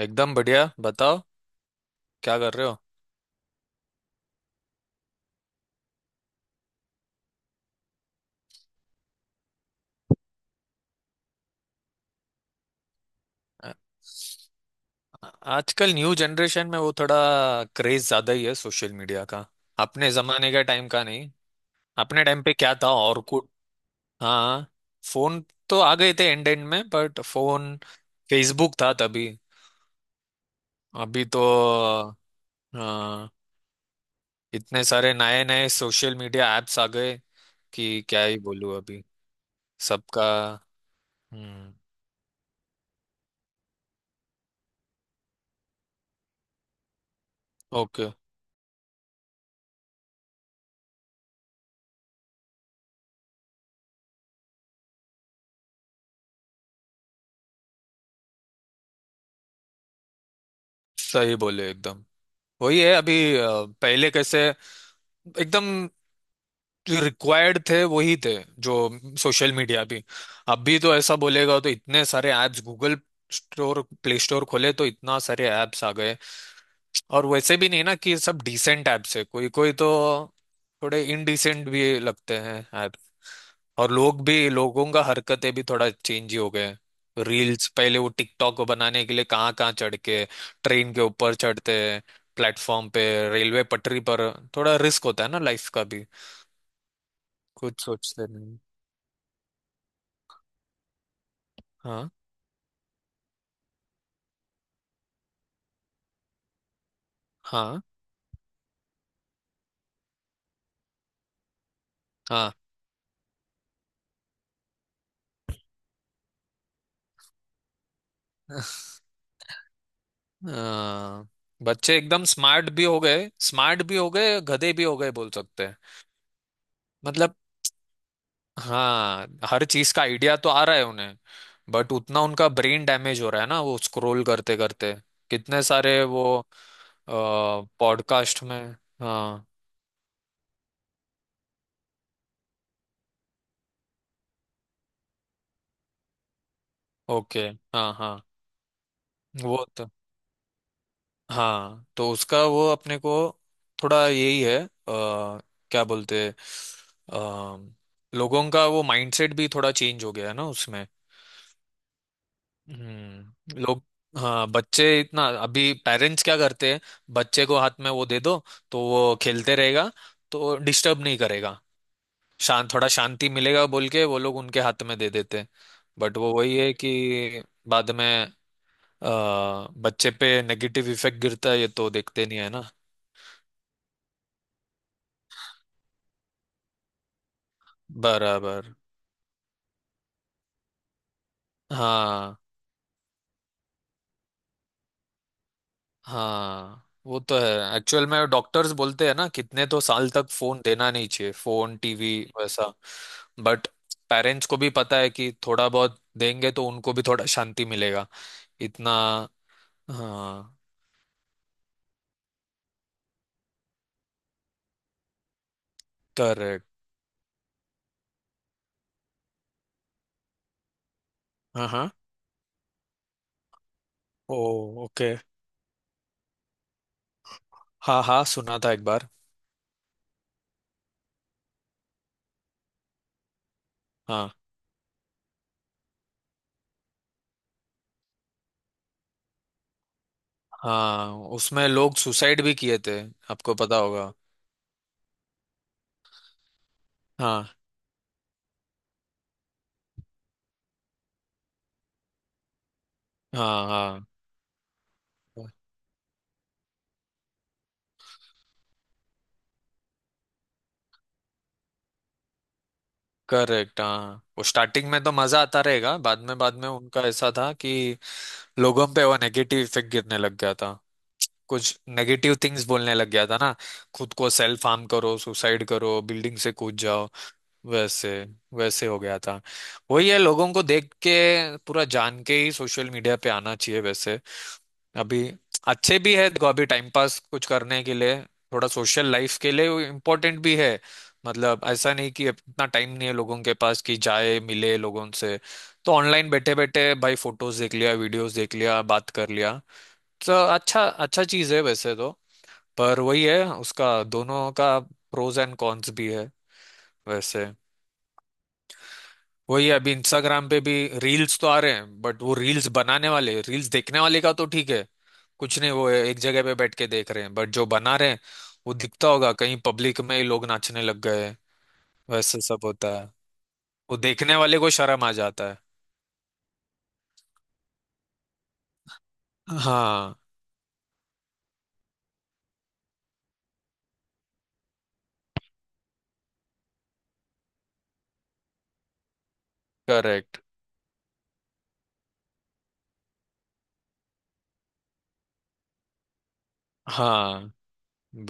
एकदम बढ़िया। बताओ क्या कर रहे हो। आ- आजकल न्यू जनरेशन में वो थोड़ा क्रेज ज्यादा ही है सोशल मीडिया का। अपने जमाने के टाइम का नहीं। अपने टाइम पे क्या था और कुछ। हाँ, फोन तो आ गए थे एंड एंड में, बट फोन, फेसबुक था तभी। अभी तो हाँ इतने सारे नए नए सोशल मीडिया एप्स आ गए कि क्या ही बोलूं अभी सबका। हम्म। ओके। सही बोले एकदम। वही है अभी। पहले कैसे एकदम रिक्वायर्ड थे वही थे जो सोशल मीडिया भी। अभी तो ऐसा बोलेगा तो इतने सारे apps Google store play store खोले तो इतना सारे ऐप्स आ गए। और वैसे भी नहीं ना कि सब डिसेंट ऐप्स है, कोई कोई तो थोड़े इनडिसेंट भी लगते हैं ऐप। और लोग भी, लोगों का हरकतें भी थोड़ा चेंज ही हो गए। रील्स पहले वो टिकटॉक को बनाने के लिए कहाँ कहाँ चढ़ के, ट्रेन के ऊपर चढ़ते हैं, प्लेटफॉर्म पे, रेलवे पटरी पर। थोड़ा रिस्क होता है ना लाइफ का भी। कुछ सोचते नहीं। हाँ। हाँ। हाँ। अ, बच्चे एकदम स्मार्ट भी हो गए, स्मार्ट भी हो गए गधे भी हो गए बोल सकते हैं। मतलब, हाँ हर चीज का आइडिया तो आ रहा है उन्हें, बट उतना उनका ब्रेन डैमेज हो रहा है ना वो स्क्रॉल करते करते, कितने सारे वो पॉडकास्ट में। हाँ। ओके। हाँ हाँ। वो तो हाँ, तो उसका वो अपने को थोड़ा यही है। क्या बोलते हैं, लोगों का वो माइंडसेट भी थोड़ा चेंज हो गया है ना उसमें। हम्म। लोग हाँ, बच्चे इतना, अभी पेरेंट्स क्या करते हैं, बच्चे को हाथ में वो दे दो तो वो खेलते रहेगा, तो डिस्टर्ब नहीं करेगा, शांत, थोड़ा शांति मिलेगा बोल के वो लोग उनके हाथ में दे देते हैं। बट वो वही है कि बाद में अ, बच्चे पे नेगेटिव इफेक्ट गिरता है ये तो देखते नहीं है ना। बराबर। हाँ हाँ, वो तो है, एक्चुअल में डॉक्टर्स बोलते हैं ना कितने तो साल तक फोन देना नहीं चाहिए, फोन टीवी वैसा। बट पेरेंट्स को भी पता है कि थोड़ा बहुत देंगे तो उनको भी थोड़ा शांति मिलेगा इतना। हाँ। करेक्ट। हाँ हाँ। ओ। ओके। हाँ हाँ, सुना था एक बार। हाँ। हाँ उसमें लोग सुसाइड भी किए थे, आपको पता होगा। हाँ हाँ। हाँ। करेक्ट। हाँ वो स्टार्टिंग में तो मजा आता रहेगा, बाद में उनका ऐसा था कि लोगों पे वो नेगेटिव इफेक्ट गिरने लग गया था, कुछ नेगेटिव थिंग्स बोलने लग गया था ना, खुद को सेल्फ हार्म करो, सुसाइड करो, बिल्डिंग से कूद जाओ, वैसे वैसे हो गया था। वही है लोगों को देख के, पूरा जान के ही सोशल मीडिया पे आना चाहिए वैसे अभी। अच्छे भी है, देखो अभी टाइम पास कुछ करने के लिए, थोड़ा सोशल लाइफ के लिए वो इम्पोर्टेंट भी है। मतलब ऐसा नहीं कि इतना टाइम नहीं है लोगों के पास कि जाए मिले लोगों से, तो ऑनलाइन बैठे बैठे भाई फोटोज देख लिया, वीडियोस देख लिया, बात कर लिया, तो अच्छा अच्छा चीज है वैसे तो। पर वही है, उसका दोनों का प्रोज एंड कॉन्स भी है वैसे। वही, अभी इंस्टाग्राम पे भी रील्स तो आ रहे हैं, बट वो रील्स बनाने वाले, रील्स देखने वाले का तो ठीक है, कुछ नहीं, वो एक जगह पे बैठ के देख रहे हैं, बट जो बना रहे हैं वो दिखता होगा कहीं पब्लिक में ही लोग नाचने लग गए, वैसे सब होता है, वो देखने वाले को शर्म आ जाता है। हाँ। करेक्ट। हाँ।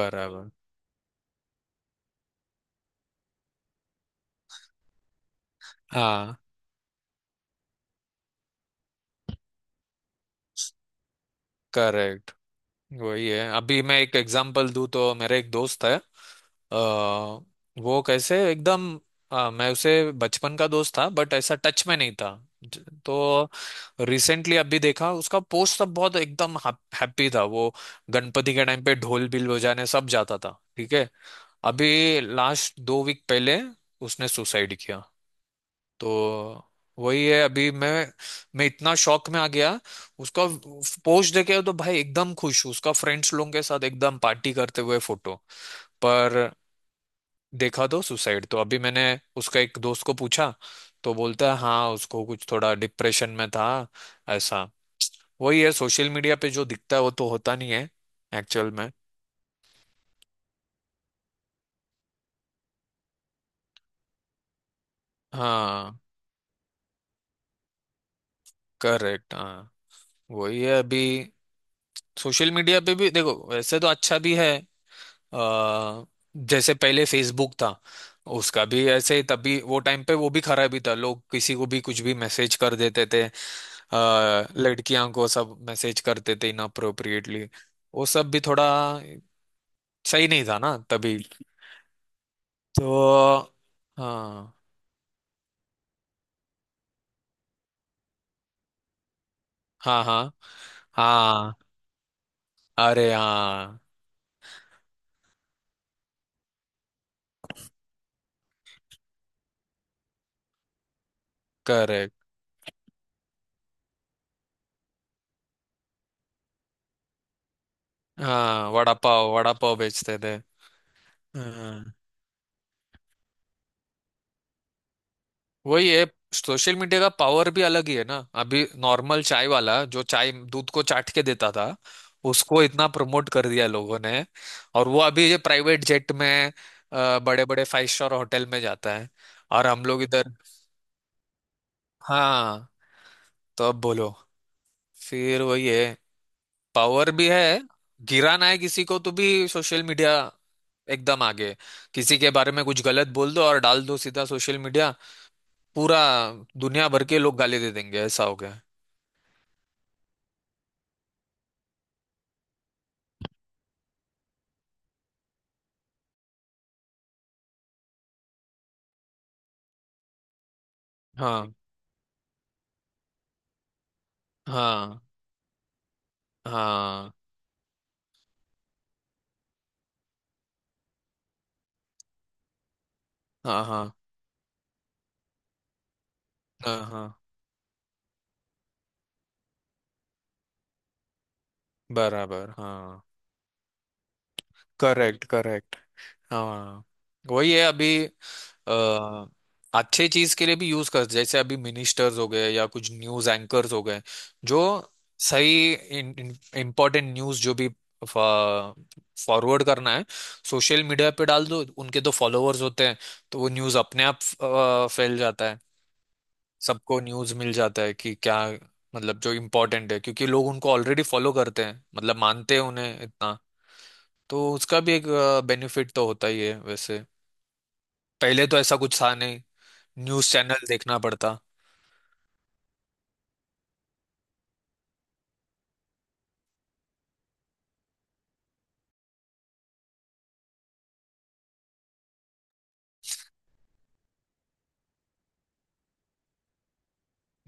बराबर हाँ। करेक्ट। वही है अभी मैं एक एग्जांपल दूँ तो, मेरा एक दोस्त है, अ, वो कैसे एकदम, अ, मैं उसे बचपन का दोस्त था बट ऐसा टच में नहीं था। तो रिसेंटली अभी देखा उसका पोस्ट सब, बहुत एकदम हैप्पी था वो, गणपति के टाइम पे ढोल बिल बजाने सब जाता था, ठीक है। अभी लास्ट 2 वीक पहले उसने सुसाइड किया। तो वही है, अभी मैं इतना शॉक में आ गया, उसका पोस्ट देखे तो भाई एकदम खुश उसका फ्रेंड्स लोगों के साथ एकदम पार्टी करते हुए फोटो। पर देखा तो सुसाइड, तो अभी मैंने उसका एक दोस्त को पूछा तो बोलता है हाँ उसको कुछ, थोड़ा डिप्रेशन में था ऐसा। वही है सोशल मीडिया पे जो दिखता है वो तो होता नहीं है एक्चुअल में। हाँ। करेक्ट। हाँ। वही है अभी सोशल मीडिया पे भी देखो वैसे तो अच्छा भी है। आ, जैसे पहले फेसबुक था, उसका भी ऐसे ही तभी वो टाइम पे वो भी खराबी था, लोग किसी को भी कुछ भी मैसेज कर देते थे, लड़कियां को सब मैसेज करते थे इनअप्रोप्रिएटली, वो सब भी थोड़ा सही नहीं था ना तभी। तो हाँ। हाँ। हाँ। हाँ। अरे हाँ। करेक्ट। हाँ वड़ा पाव बेचते थे। हाँ वही है सोशल मीडिया का पावर भी अलग ही है ना। अभी नॉर्मल चाय वाला जो चाय दूध को चाट के देता था उसको इतना प्रमोट कर दिया लोगों ने, और वो अभी ये प्राइवेट जेट में बड़े बड़े 5 स्टार होटल में जाता है, और हम लोग इधर। हाँ तो अब बोलो। फिर वही है, पावर भी है, गिराना है किसी को तो भी सोशल मीडिया एकदम आगे है। किसी के बारे में कुछ गलत बोल दो और डाल दो सीधा सोशल मीडिया, पूरा दुनिया भर के लोग गाली दे देंगे, ऐसा हो गया है। हाँ। हाँ हाँ। हाँ। हाँ हाँ। हाँ बराबर। हाँ करेक्ट। करेक्ट। हाँ वही है अभी। अ, अच्छे चीज के लिए भी यूज कर, जैसे अभी मिनिस्टर्स हो गए या कुछ न्यूज एंकर्स हो गए जो सही इम्पोर्टेंट न्यूज जो भी फॉरवर्ड करना है सोशल मीडिया पे डाल दो, उनके तो फॉलोअर्स होते हैं, तो वो न्यूज अपने आप फैल जाता है, सबको न्यूज़ मिल जाता है कि क्या, मतलब जो इम्पोर्टेंट है, क्योंकि लोग उनको ऑलरेडी फॉलो करते हैं, मतलब मानते हैं उन्हें इतना। तो उसका भी एक बेनिफिट तो होता ही है वैसे। पहले तो ऐसा कुछ था नहीं, न्यूज़ चैनल देखना पड़ता।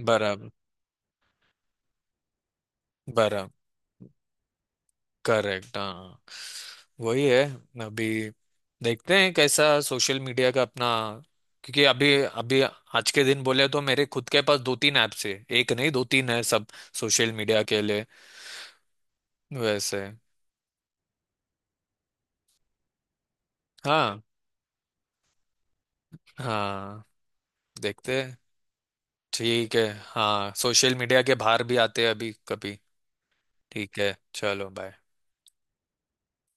बराबर। बराबर। करेक्ट। हाँ वही है अभी, देखते हैं कैसा सोशल मीडिया का अपना, क्योंकि अभी अभी आज के दिन बोले तो मेरे खुद के पास दो तीन ऐप्स है, एक नहीं दो तीन है सब सोशल मीडिया के लिए वैसे। हाँ। हाँ। देखते हैं। ठीक है हाँ सोशल मीडिया के बाहर भी आते हैं अभी कभी। ठीक है चलो बाय।